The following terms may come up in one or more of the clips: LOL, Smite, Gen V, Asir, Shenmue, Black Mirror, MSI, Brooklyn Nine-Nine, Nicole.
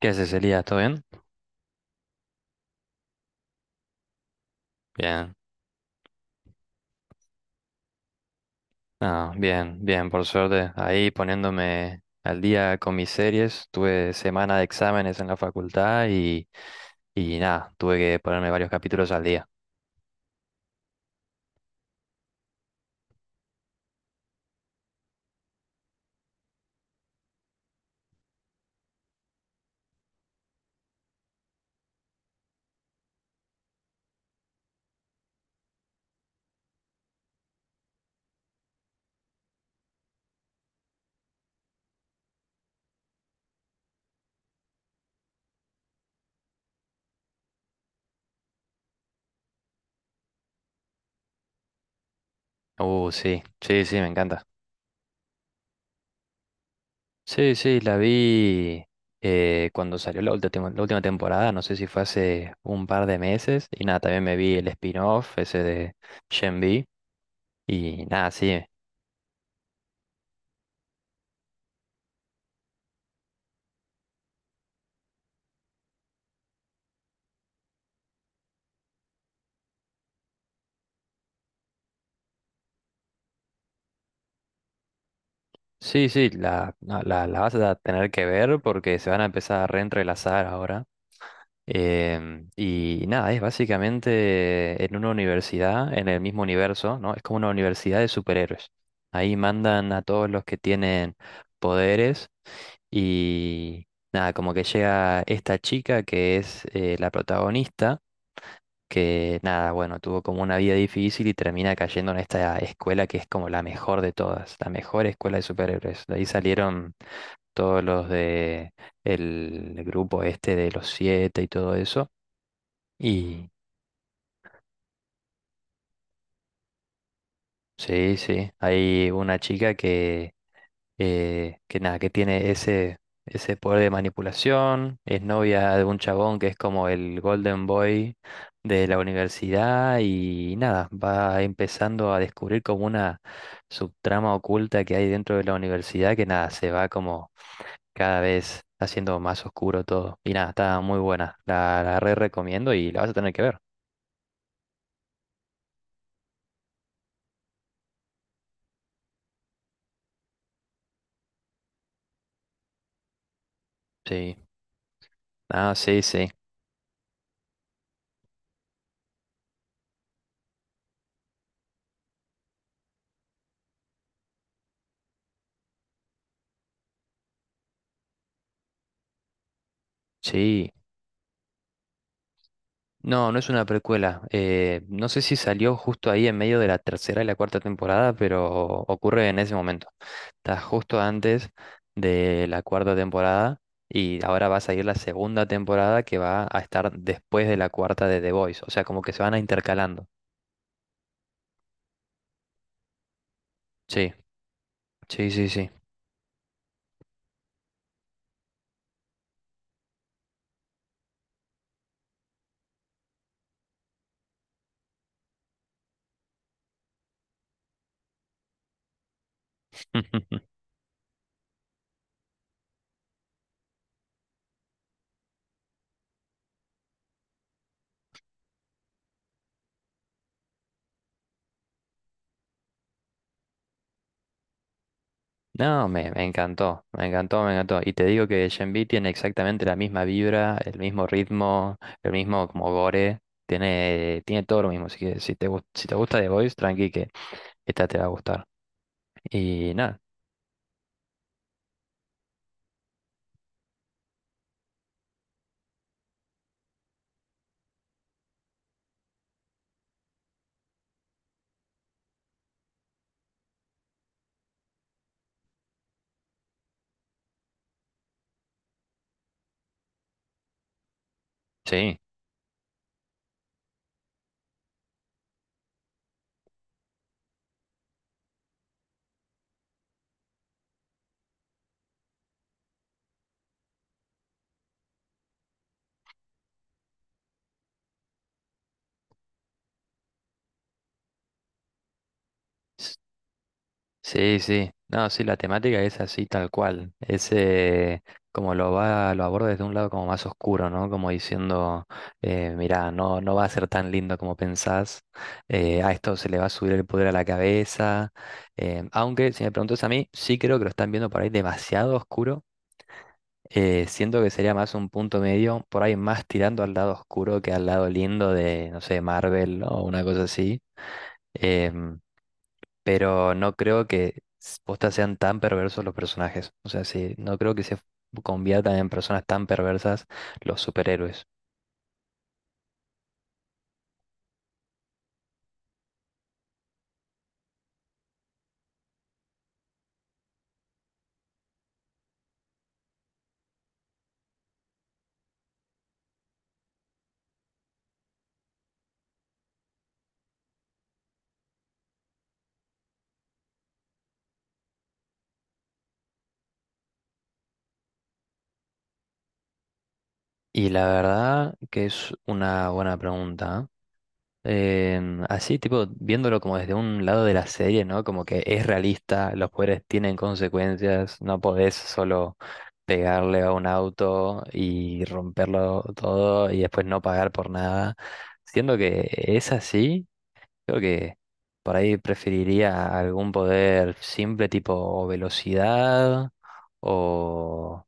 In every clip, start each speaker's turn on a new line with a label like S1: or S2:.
S1: ¿Qué haces, Elías? ¿Todo bien? Bien. Ah, bien, bien, por suerte. Ahí poniéndome al día con mis series. Tuve semana de exámenes en la facultad y nada, tuve que ponerme varios capítulos al día. Sí, sí, sí, me encanta. Sí, sí, la vi cuando salió la última temporada, no sé si fue hace un par de meses. Y nada, también me vi el spin-off ese de Gen V. Y nada, sí. Sí, sí, la vas a tener que ver porque se van a empezar a reentrelazar ahora. Y nada, es básicamente en una universidad, en el mismo universo, ¿no? Es como una universidad de superhéroes. Ahí mandan a todos los que tienen poderes y nada, como que llega esta chica que es la protagonista que nada, bueno, tuvo como una vida difícil y termina cayendo en esta escuela que es como la mejor de todas, la mejor escuela de superhéroes. De ahí salieron todos los de el grupo este de los siete y todo eso. Y sí, sí, hay una chica que nada, que tiene ese, ese poder de manipulación, es novia de un chabón que es como el Golden Boy de la universidad y nada, va empezando a descubrir como una subtrama oculta que hay dentro de la universidad que nada, se va como cada vez haciendo más oscuro todo. Y nada, está muy buena, la re recomiendo y la vas a tener que ver. Sí, ah, sí, sí, sí. No, no es una precuela. No sé si salió justo ahí en medio de la tercera y la cuarta temporada, pero ocurre en ese momento. Está justo antes de la cuarta temporada y ahora va a salir la segunda temporada que va a estar después de la cuarta de The Voice. O sea, como que se van a intercalando. Sí, sí, sí, sí. No, me encantó, me encantó, me encantó. Y te digo que Shenmue tiene exactamente la misma vibra, el mismo ritmo, el mismo como gore, tiene, tiene todo lo mismo. Así que si te, gus- si te gusta The Voice, tranqui que esta te va a gustar. Y nada, sí. Sí, sí. No, sí, la temática es así tal cual. Es como lo va, lo aborda desde un lado como más oscuro, ¿no? Como diciendo, mirá, no, no va a ser tan lindo como pensás. A esto se le va a subir el poder a la cabeza. Aunque, si me preguntas a mí, sí creo que lo están viendo por ahí demasiado oscuro. Siento que sería más un punto medio, por ahí más tirando al lado oscuro que al lado lindo de, no sé, Marvel, ¿no? O una cosa así. Em, pero no creo que s- posta sean tan perversos los personajes. O sea, sí, no creo que se conviertan en personas tan perversas los superhéroes. Y la verdad que es una buena pregunta. ¿Eh? Así, tipo, viéndolo como desde un lado de la serie, ¿no? Como que es realista, los poderes tienen consecuencias, no podés solo pegarle a un auto y romperlo todo y después no pagar por nada. Siendo que es así, creo que por ahí preferiría algún poder simple tipo o velocidad o,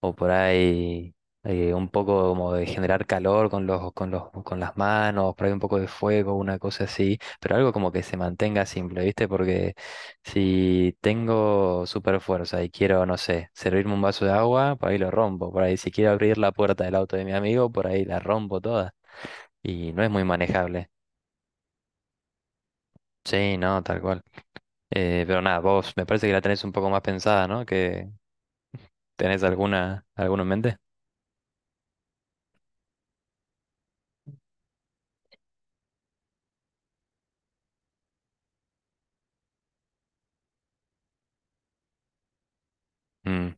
S1: o por ahí un poco como de generar calor con los, con los, con las manos, por ahí un poco de fuego, una cosa así, pero algo como que se mantenga simple, ¿viste? Porque si tengo super fuerza y quiero, no sé, servirme un vaso de agua, por ahí lo rompo, por ahí si quiero abrir la puerta del auto de mi amigo, por ahí la rompo toda y no es muy manejable. Sí, no, tal cual. Pero nada, vos me parece que la tenés un poco más pensada, ¿no? Que tenés alguna, alguna en mente. Mm,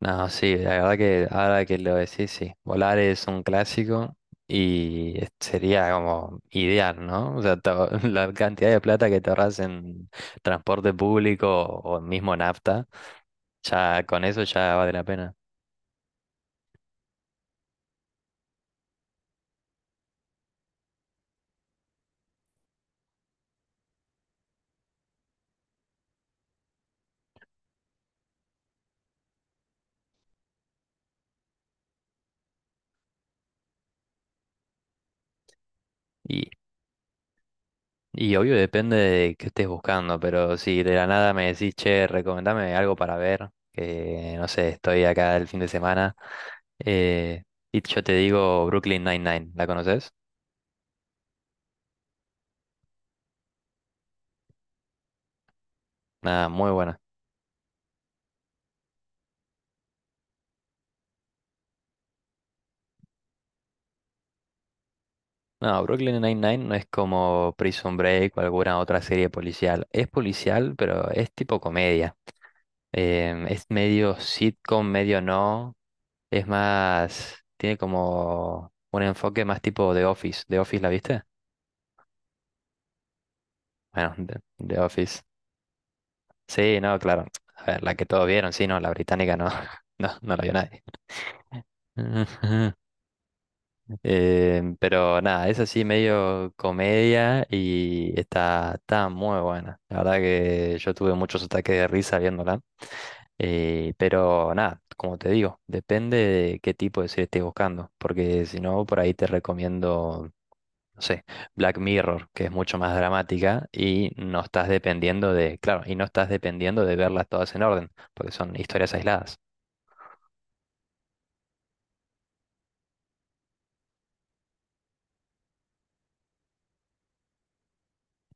S1: no, sí, la verdad que ahora que lo decís, sí, volar es un clásico y es- sería como ideal, ¿no? O sea, te ahor- la cantidad de plata que te ahorras en transporte público o mismo nafta, ya con eso ya vale la pena. Y obvio depende de qué estés buscando, pero si de la nada me decís, che, recomendame algo para ver, que no sé, estoy acá el fin de semana, eh, y yo te digo Brooklyn Nine-Nine, ¿la conoces? Nada, muy buena. No, Brooklyn Nine-Nine no es como Prison Break o alguna otra serie policial. Es policial, pero es tipo comedia. Es medio sitcom, medio no. Es más, tiene como un enfoque más tipo The Office. ¿The Office la viste? Bueno, The Office. Sí, no, claro. A ver, la que todos vieron, sí, no, la británica no, no, no la vio nadie. Pero nada, es así medio comedia y está, está muy buena. La verdad que yo tuve muchos ataques de risa viéndola. Pero nada, como te digo, depende de qué tipo de serie estés buscando. Porque si no, por ahí te recomiendo, no sé, Black Mirror, que es mucho más dramática y no estás dependiendo de, claro, y no estás dependiendo de verlas todas en orden, porque son historias aisladas.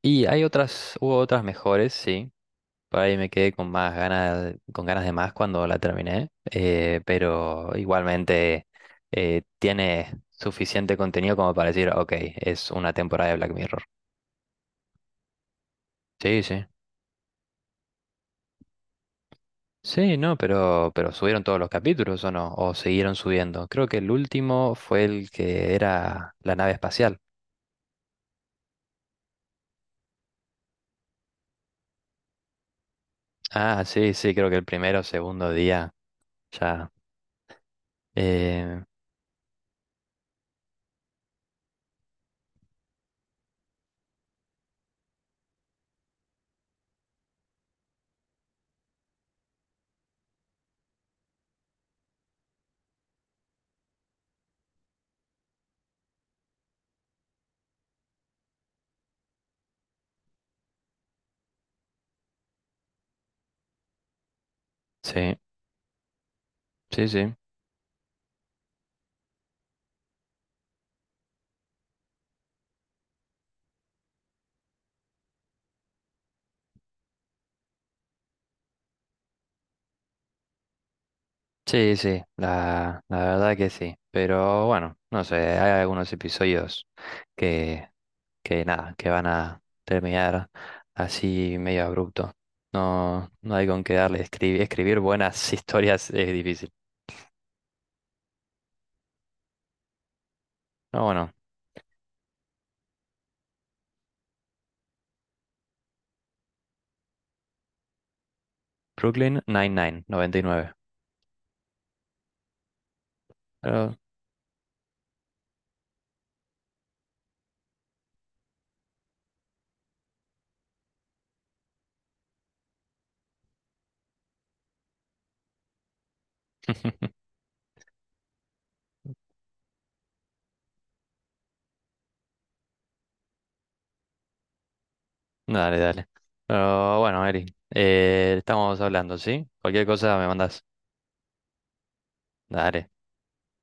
S1: Y hay otras, hubo otras mejores, sí. Por ahí me quedé con más ganas, con ganas de más cuando la terminé. Pero igualmente tiene suficiente contenido como para decir, ok, es una temporada de Black Mirror. Sí, sí. Sí, no, pero subieron todos los capítulos o no, o siguieron subiendo. Creo que el último fue el que era la nave espacial. Ah, sí, sí, creo que el primero o segundo día ya. eh, sí, sí, sí. Sí, sí, la verdad que sí. Pero bueno, no sé, hay algunos episodios que, que nada, que van a terminar así medio abrupto. No, no hay con qué darle. Escribir, escribir buenas historias es difícil. No bueno, Brooklyn Nine-Nine, 99. Pero, dale, dale. Pero bueno, Eri, estamos hablando, ¿sí? Cualquier cosa me mandas. Dale.